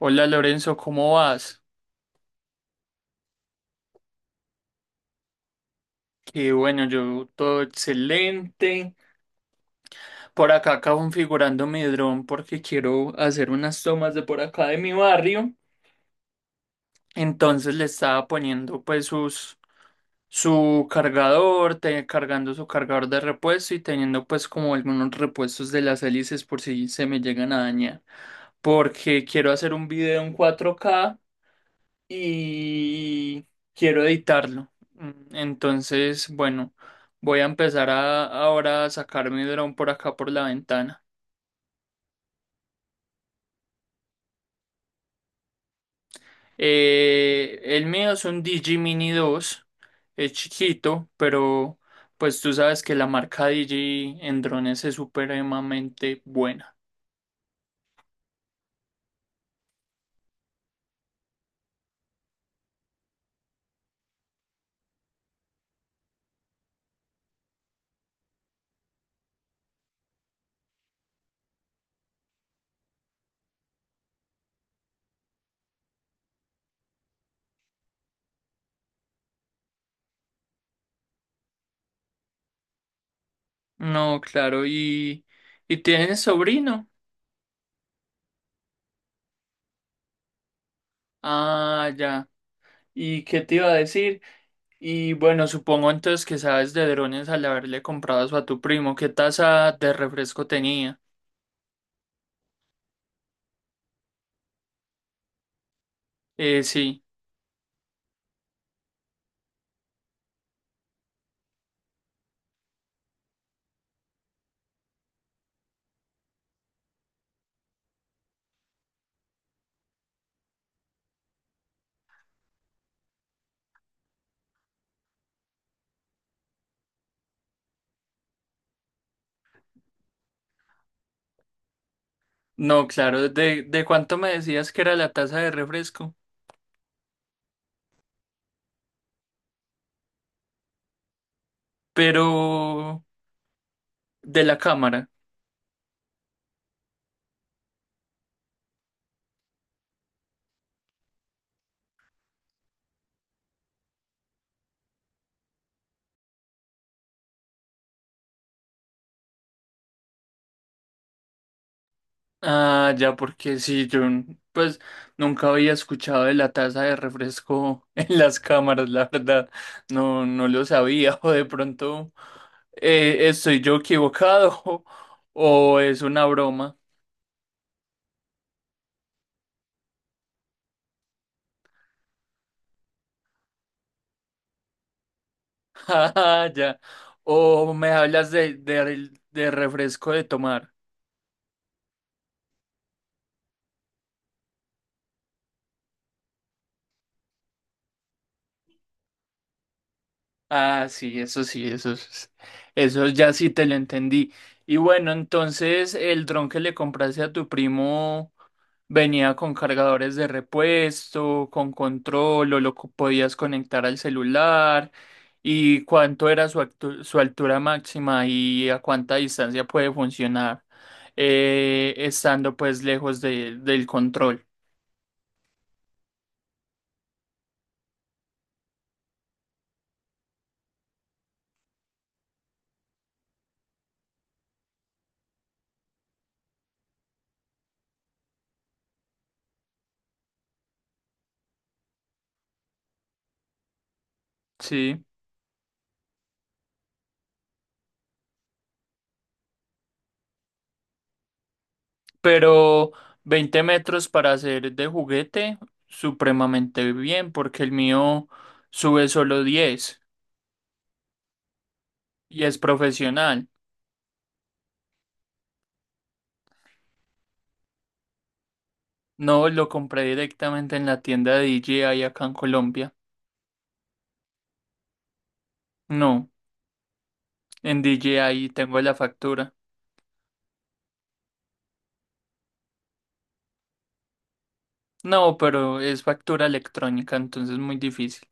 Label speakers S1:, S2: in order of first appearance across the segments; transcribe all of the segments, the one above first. S1: Hola Lorenzo, ¿cómo vas? Qué bueno, yo todo excelente. Por acá acabo configurando mi dron porque quiero hacer unas tomas de por acá de mi barrio. Entonces le estaba poniendo pues sus, su cargador, cargando su cargador de repuesto y teniendo pues como algunos repuestos de las hélices por si se me llegan a dañar. Porque quiero hacer un video en 4K y quiero editarlo. Entonces, bueno, voy a empezar a, ahora a sacar mi dron por acá por la ventana. El mío es un Digi Mini 2, es chiquito, pero pues tú sabes que la marca Digi en drones es supremamente buena. No, claro, y tienes sobrino. Ah, ya. ¿Y qué te iba a decir? Y bueno, supongo entonces que sabes de drones al haberle comprado eso a tu primo. ¿Qué taza de refresco tenía? Sí. No, claro. ¿De cuánto me decías que era la taza de refresco? Pero, de la cámara. Ah, ya, porque sí, yo pues nunca había escuchado de la taza de refresco en las cámaras, la verdad. No, no lo sabía. O de pronto estoy yo equivocado o es una broma. Ah, ya. O me hablas de refresco de tomar. Ah, sí, eso sí, eso ya sí te lo entendí. Y bueno, entonces el dron que le compraste a tu primo venía con cargadores de repuesto, con control, o lo podías conectar al celular. ¿Y cuánto era su altura máxima y a cuánta distancia puede funcionar estando pues lejos del control? Sí. Pero 20 metros para hacer de juguete, supremamente bien, porque el mío sube solo 10 y es profesional. No lo compré directamente en la tienda de DJI acá en Colombia. No, en DJI tengo la factura. No, pero es factura electrónica, entonces muy difícil.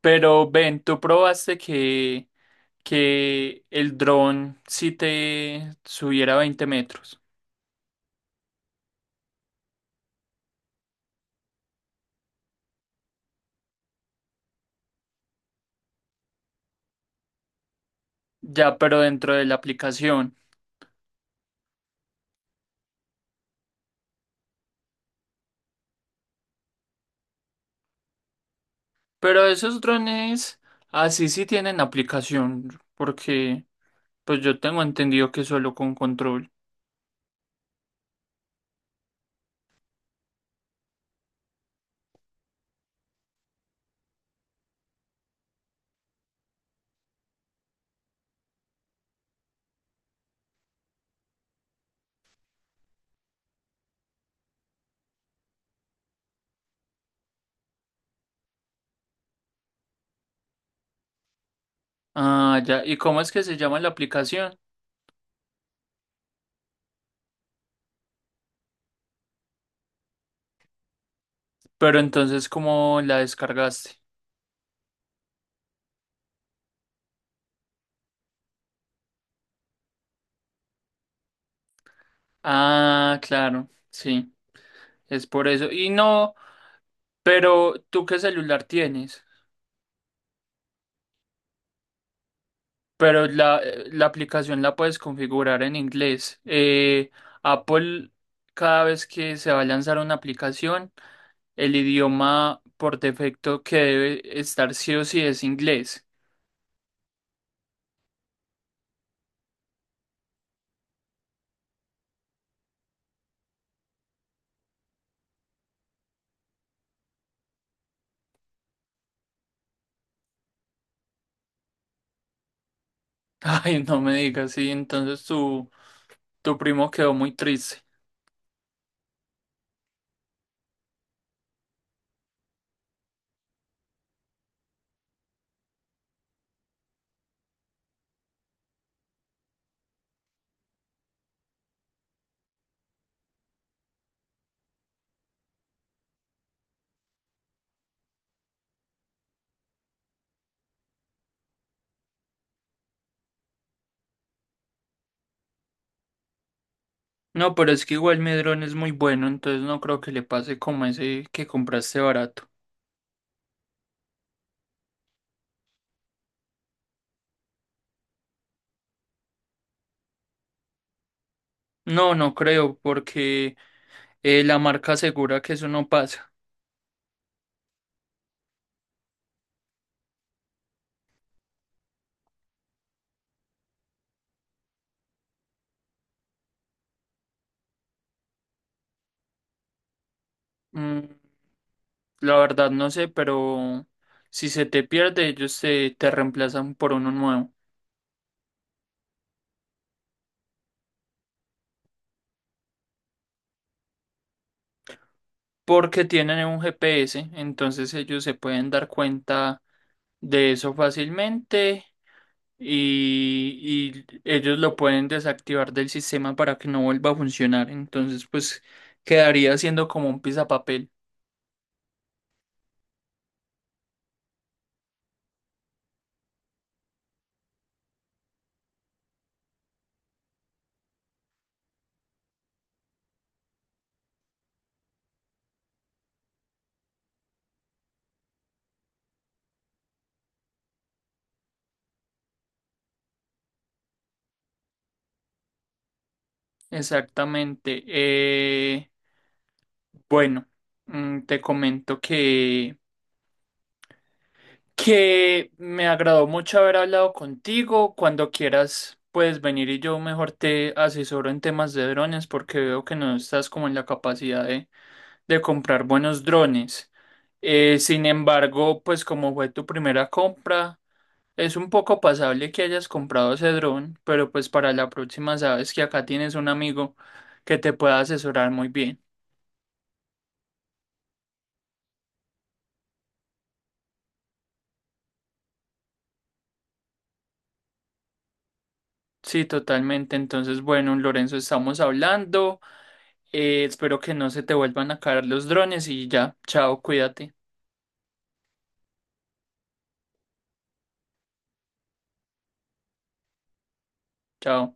S1: Pero ven, tú probaste que, el dron sí te subiera 20 metros. Ya, pero dentro de la aplicación. Pero esos drones así sí sí tienen aplicación, porque pues yo tengo entendido que solo con control. Ah, ya. ¿Y cómo es que se llama la aplicación? Pero entonces, ¿cómo la descargaste? Ah, claro, sí, es por eso. Y no, pero ¿tú qué celular tienes? Pero la aplicación la puedes configurar en inglés. Apple, cada vez que se va a lanzar una aplicación, el idioma por defecto que debe estar sí o sí es inglés. Ay, no me digas, sí, entonces tu primo quedó muy triste. No, pero es que igual Medrón es muy bueno, entonces no creo que le pase como ese que compraste barato. No, no creo, porque la marca asegura que eso no pasa. Mm, la verdad no sé, pero si se te pierde, ellos te reemplazan por uno nuevo. Porque tienen un GPS, entonces ellos se pueden dar cuenta de eso fácilmente y, y ellos lo pueden desactivar del sistema para que no vuelva a funcionar. Entonces, pues quedaría siendo como un pisapapel. Exactamente. Bueno, te comento que me agradó mucho haber hablado contigo. Cuando quieras, puedes venir y yo mejor te asesoro en temas de drones porque veo que no estás como en la capacidad de comprar buenos drones. Sin embargo, pues como fue tu primera compra, es un poco pasable que hayas comprado ese dron, pero pues para la próxima sabes que acá tienes un amigo que te pueda asesorar muy bien. Sí, totalmente. Entonces, bueno, Lorenzo, estamos hablando. Espero que no se te vuelvan a caer los drones y ya, chao, cuídate, chao.